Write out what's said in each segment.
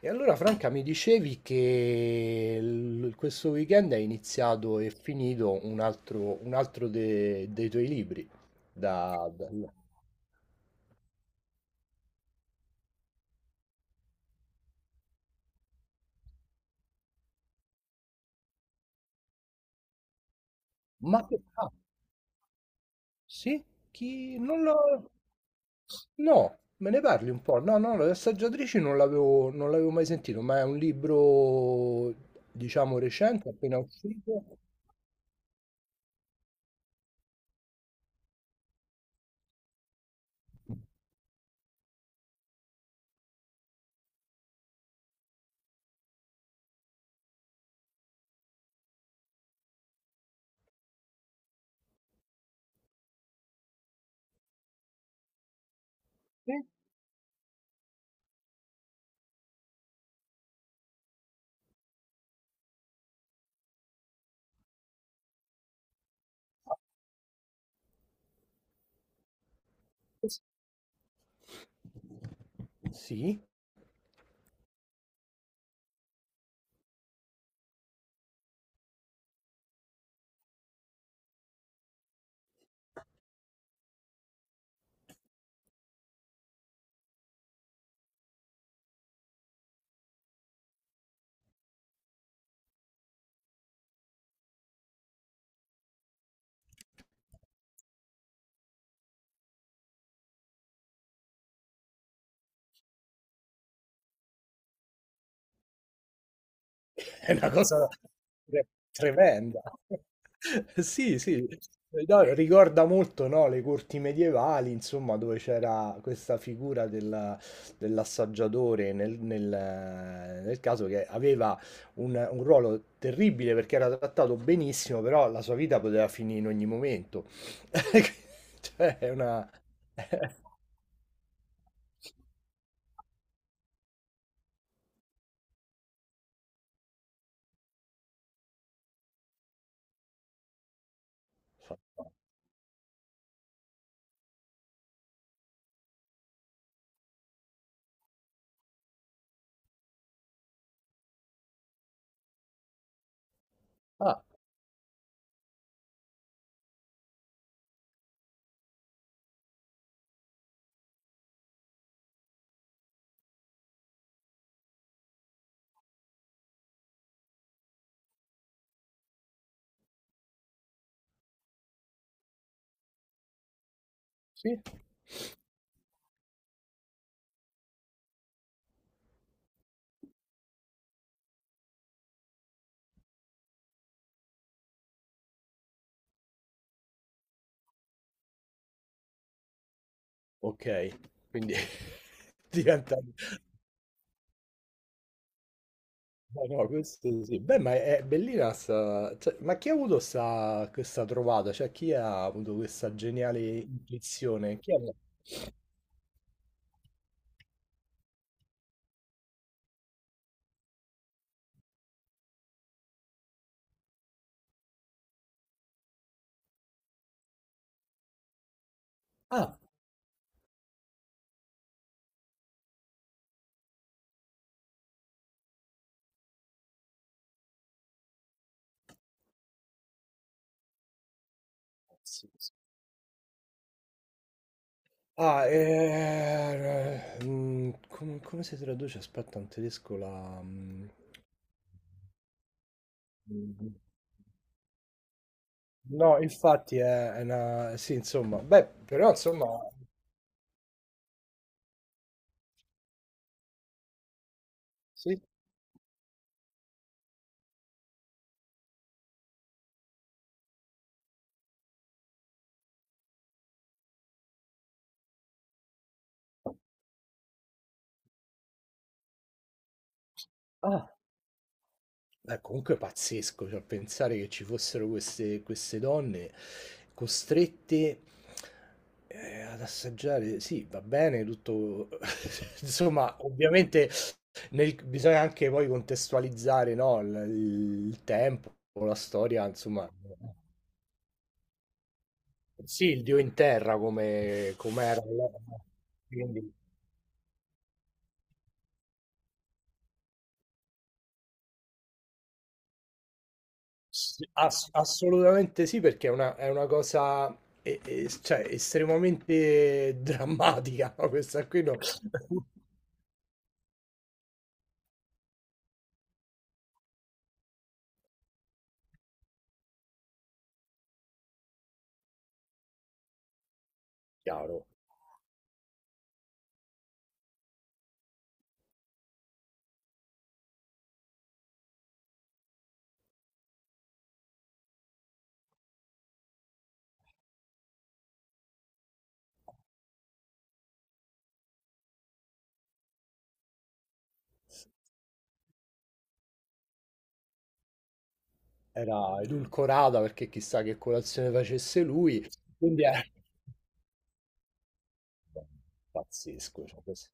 Franca, mi dicevi che questo weekend è iniziato e finito un altro dei tuoi libri. Da, da- Ah, sì? Chi... Non lo... No, me ne parli un po'. No, no, le assaggiatrici non l'avevo mai sentito, ma è un libro, diciamo, recente, appena uscito. Sì? Sì? È una cosa tre tremenda. Sì, sì, no, ricorda molto, no, le corti medievali, insomma, dove c'era questa figura dell'assaggiatore nel caso che aveva un ruolo terribile perché era trattato benissimo, però la sua vita poteva finire in ogni momento. Cioè, è una... Ah, sì? Ok, quindi diventa... Eh no, questo sì. Beh, ma è bellina sta... cioè, ma chi ha avuto sta... questa trovata? Cioè, chi ha avuto questa geniale intuizione? Chi ha... Ah, sì, sì. Ah, come si traduce? Aspetta, in tedesco la... No, infatti è una... Sì, insomma, beh, però insomma... Sì. Ah! Beh, comunque è pazzesco, cioè pensare che ci fossero queste donne costrette ad assaggiare, sì, va bene, tutto, insomma, ovviamente bisogna anche poi contestualizzare, no, il tempo, la storia, insomma, sì, il Dio in terra come era. Quindi, sì, assolutamente sì, perché è una cosa cioè, estremamente drammatica. No? Questa qui no. Chiaro, era edulcorata perché chissà che colazione facesse lui. Quindi è pazzesco. Cioè, questo...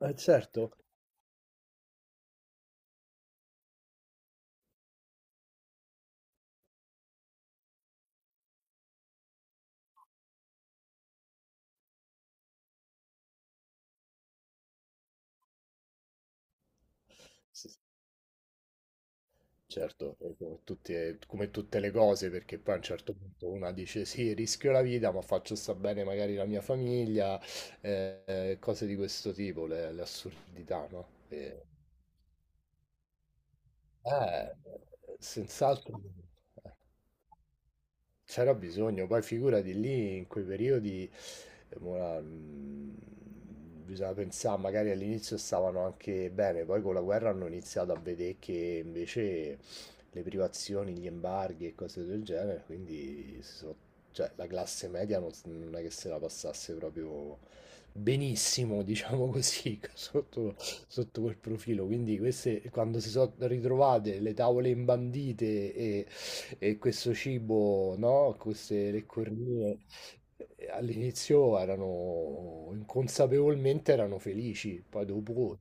Certo. Sì, sì. Certo, come tutte le cose, perché poi a un certo punto una dice sì, rischio la vita, ma faccio sta bene magari la mia famiglia, cose di questo tipo, le assurdità, no? E... eh, senz'altro. Eh. C'era bisogno, poi figurati lì in quei periodi, eh, mo la- mm, bisogna pensare, magari all'inizio stavano anche bene, poi con la guerra hanno iniziato a vedere che invece le privazioni, gli embarghi e cose del genere, quindi cioè, la classe media non, non è che se la passasse proprio benissimo, diciamo così, sotto, sotto quel profilo. Quindi queste, quando si sono ritrovate le tavole imbandite e questo cibo, no, queste le cornie, all'inizio erano inconsapevolmente erano felici, poi dopo...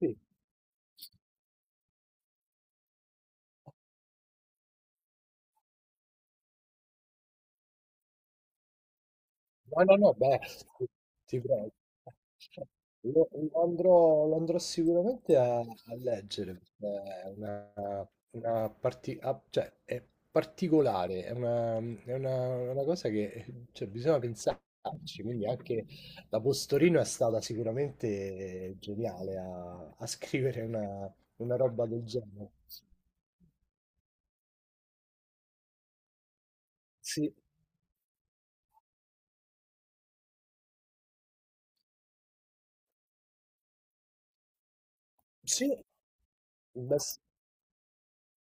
Sì. No, no, no, beh, ti prego. Lo andrò sicuramente a, a leggere perché è una, cioè, è particolare, è una, una cosa che cioè, bisogna pensarci. Quindi anche la Postorino è stata sicuramente geniale a, a scrivere una roba del genere. Sì, sì, beh,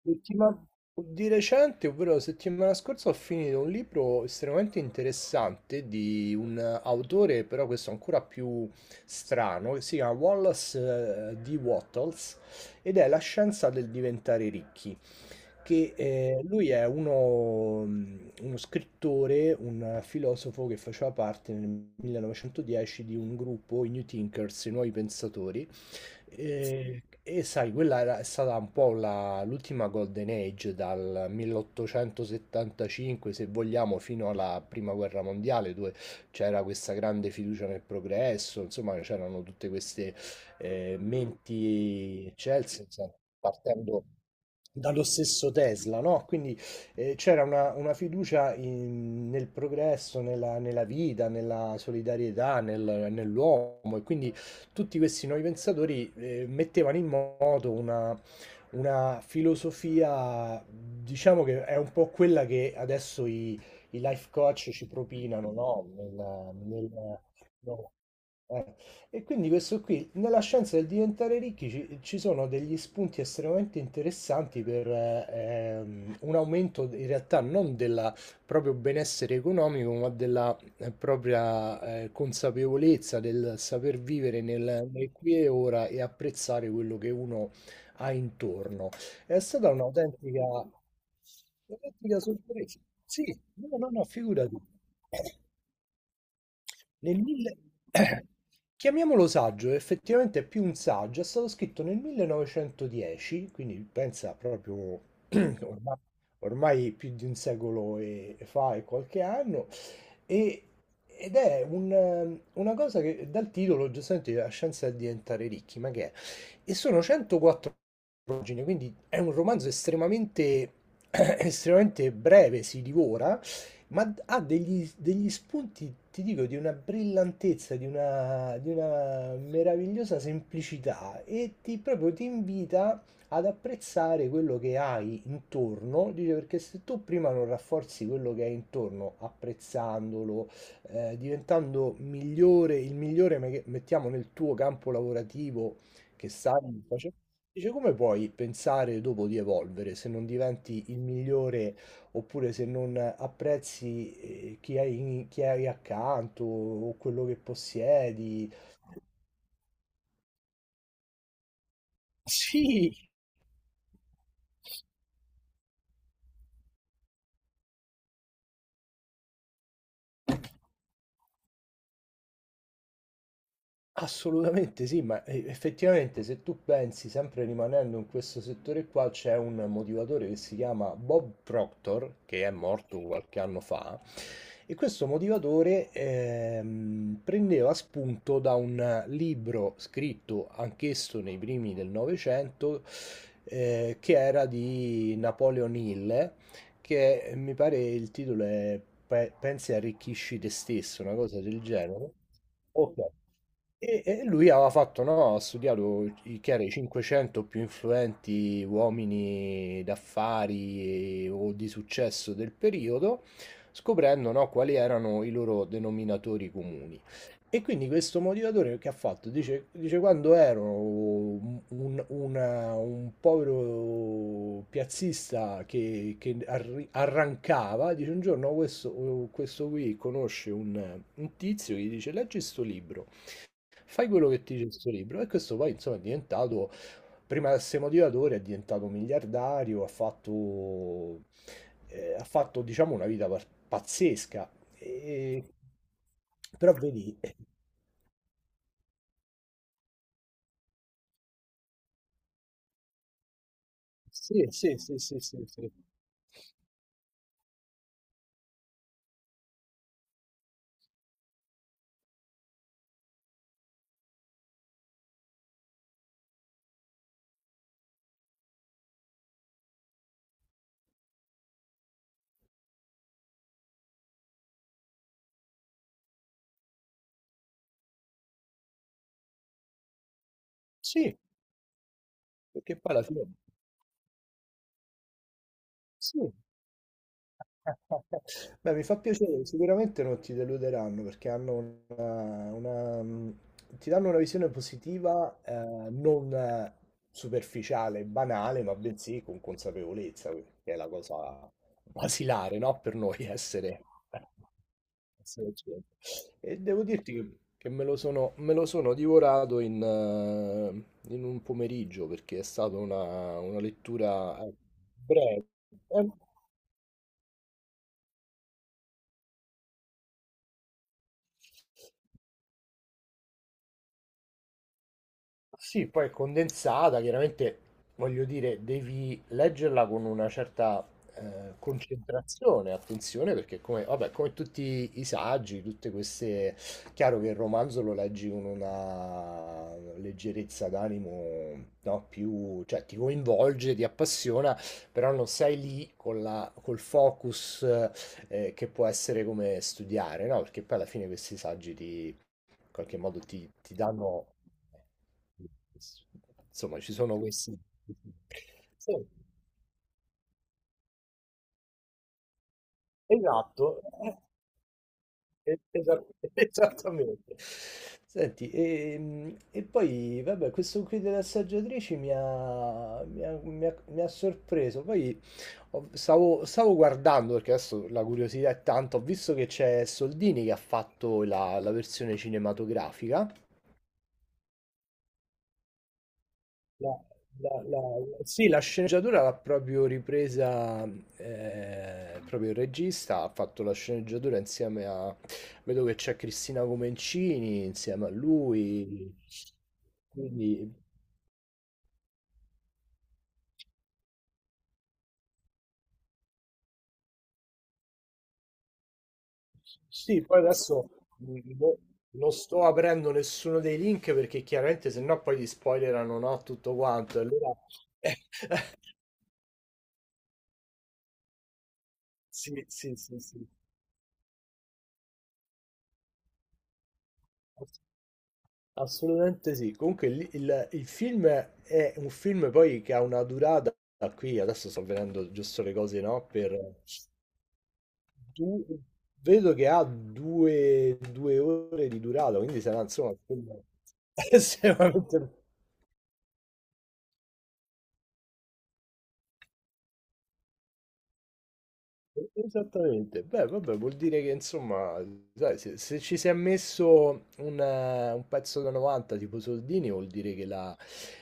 Settima- di recente, ovvero settimana scorsa, ho finito un libro estremamente interessante di un autore, però questo ancora più strano, che si chiama Wallace D. Wattles ed è La scienza del diventare ricchi, che lui è uno, uno scrittore, un filosofo che faceva parte nel 1910 di un gruppo, i New Thinkers, i nuovi pensatori, e sai, è stata un po' l'ultima Golden Age dal 1875, se vogliamo, fino alla Prima Guerra Mondiale, dove c'era questa grande fiducia nel progresso, insomma, c'erano tutte queste menti eccelse, insomma, partendo dallo stesso Tesla, no? Quindi c'era una fiducia nel progresso, nella, nella vita, nella solidarietà, nell'uomo, e quindi tutti questi nuovi pensatori mettevano in moto una filosofia, diciamo che è un po' quella che adesso i, i life coach ci propinano, no? No. Eh, e quindi questo qui, nella scienza del diventare ricchi ci, ci sono degli spunti estremamente interessanti per un aumento in realtà non del proprio benessere economico, ma della propria consapevolezza del saper vivere nel, nel qui e ora e apprezzare quello che uno ha intorno. È stata un'autentica sorpresa. Sì, no, no, no, figurati. Nel mille... Chiamiamolo saggio, effettivamente è più un saggio, è stato scritto nel 1910, quindi pensa proprio ormai, ormai più di un secolo e fa e qualche anno, e... ed è un, una cosa che dal titolo giustamente la scienza è diventare ricchi, ma che è? E sono 104 pagine, quindi è un romanzo estremamente, estremamente breve, si divora, ma ha degli, degli spunti, ti dico, di una brillantezza, di una meravigliosa semplicità e ti, proprio ti invita ad apprezzare quello che hai intorno, dice perché se tu prima non rafforzi quello che hai intorno, apprezzandolo, diventando migliore, il migliore, mettiamo nel tuo campo lavorativo che stai facendo, dice come puoi pensare dopo di evolvere se non diventi il migliore? Oppure se non apprezzi chi hai, chi hai accanto o quello che possiedi. Sì, assolutamente sì, ma effettivamente se tu pensi, sempre rimanendo in questo settore qua, c'è un motivatore che si chiama Bob Proctor, che è morto qualche anno fa, e questo motivatore prendeva spunto da un libro scritto anch'esso nei primi del Novecento, che era di Napoleon Hill, che mi pare il titolo è Pensi e arricchisci te stesso, una cosa del genere. Ok. E lui aveva fatto, no, ha studiato i, che era i 500 più influenti uomini d'affari o di successo del periodo, scoprendo, no, quali erano i loro denominatori comuni. E quindi questo motivatore che ha fatto? Dice, dice quando ero un, un povero piazzista che arrancava, dice un giorno questo, questo qui conosce un tizio che gli dice leggi sto libro. Fai quello che ti dice questo libro. E questo poi, insomma, è diventato, prima di essere motivatore, è diventato miliardario, ha fatto, diciamo, una vita pazzesca. E... Però vedi, sì, sì, sì, sì, sì, sì, sì, perché poi alla fine, sì, beh, mi fa piacere, sicuramente non ti deluderanno perché hanno una, ti danno una visione positiva, non superficiale, banale, ma bensì con consapevolezza, che è la cosa basilare, no? Per noi essere, essere gente. E devo dirti che, che me lo sono divorato in, in un pomeriggio perché è stata una lettura breve. Eh, Sì, poi è condensata, chiaramente voglio dire, devi leggerla con una certa concentrazione, attenzione, perché come, vabbè, come tutti i saggi, tutte queste... Chiaro che il romanzo lo leggi con una leggerezza d'animo, no, più... cioè ti coinvolge, ti appassiona, però non sei lì con la, col focus che può essere come studiare, no? Perché poi alla fine questi saggi ti in qualche modo ti danno eh, insomma ci sono questi sì, esatto, e esa esattamente. Senti, e poi vabbè questo qui delle assaggiatrici mi ha sorpreso, poi ho stavo stavo guardando, perché adesso la curiosità è tanta, ho visto che c'è Soldini che ha fatto la versione cinematografica. La, la- la- sì, la sceneggiatura l'ha proprio ripresa proprio il regista, ha fatto la sceneggiatura insieme a... Vedo che c'è Cristina Comencini insieme a lui, quindi sì, poi adesso mh, no- non sto aprendo nessuno dei link perché chiaramente se no poi gli spoilerano no, tutto quanto, allora sì, sì, sì, sì. Assolutamente sì. Comunque il film è un film poi che ha una durata, qui adesso sto vedendo giusto le cose, no? Per du- vedo che ha due ore di durata, quindi sarà insomma un film estremamente esattamente, beh, vabbè, vuol dire che insomma, sai, se ci si è messo un pezzo da 90 tipo Soldini, vuol dire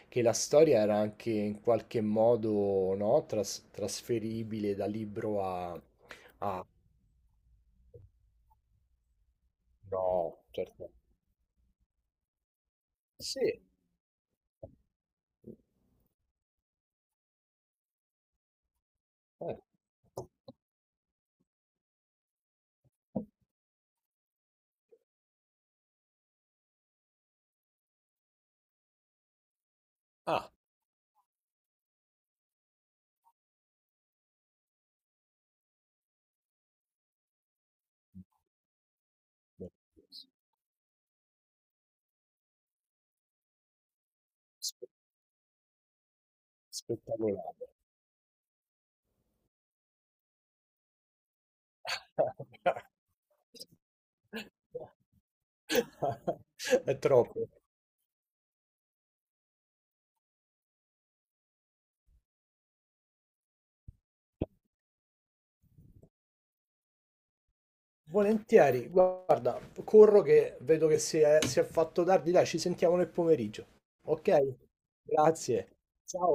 che la storia era anche in qualche modo no, trasferibile da libro a... a... No, certo. Sì. Eh. Ah, beh, spe- spettacolare. È troppo. Volentieri, guarda, corro che vedo che si è fatto tardi, dai, ci sentiamo nel pomeriggio. Ok? Grazie. Ciao.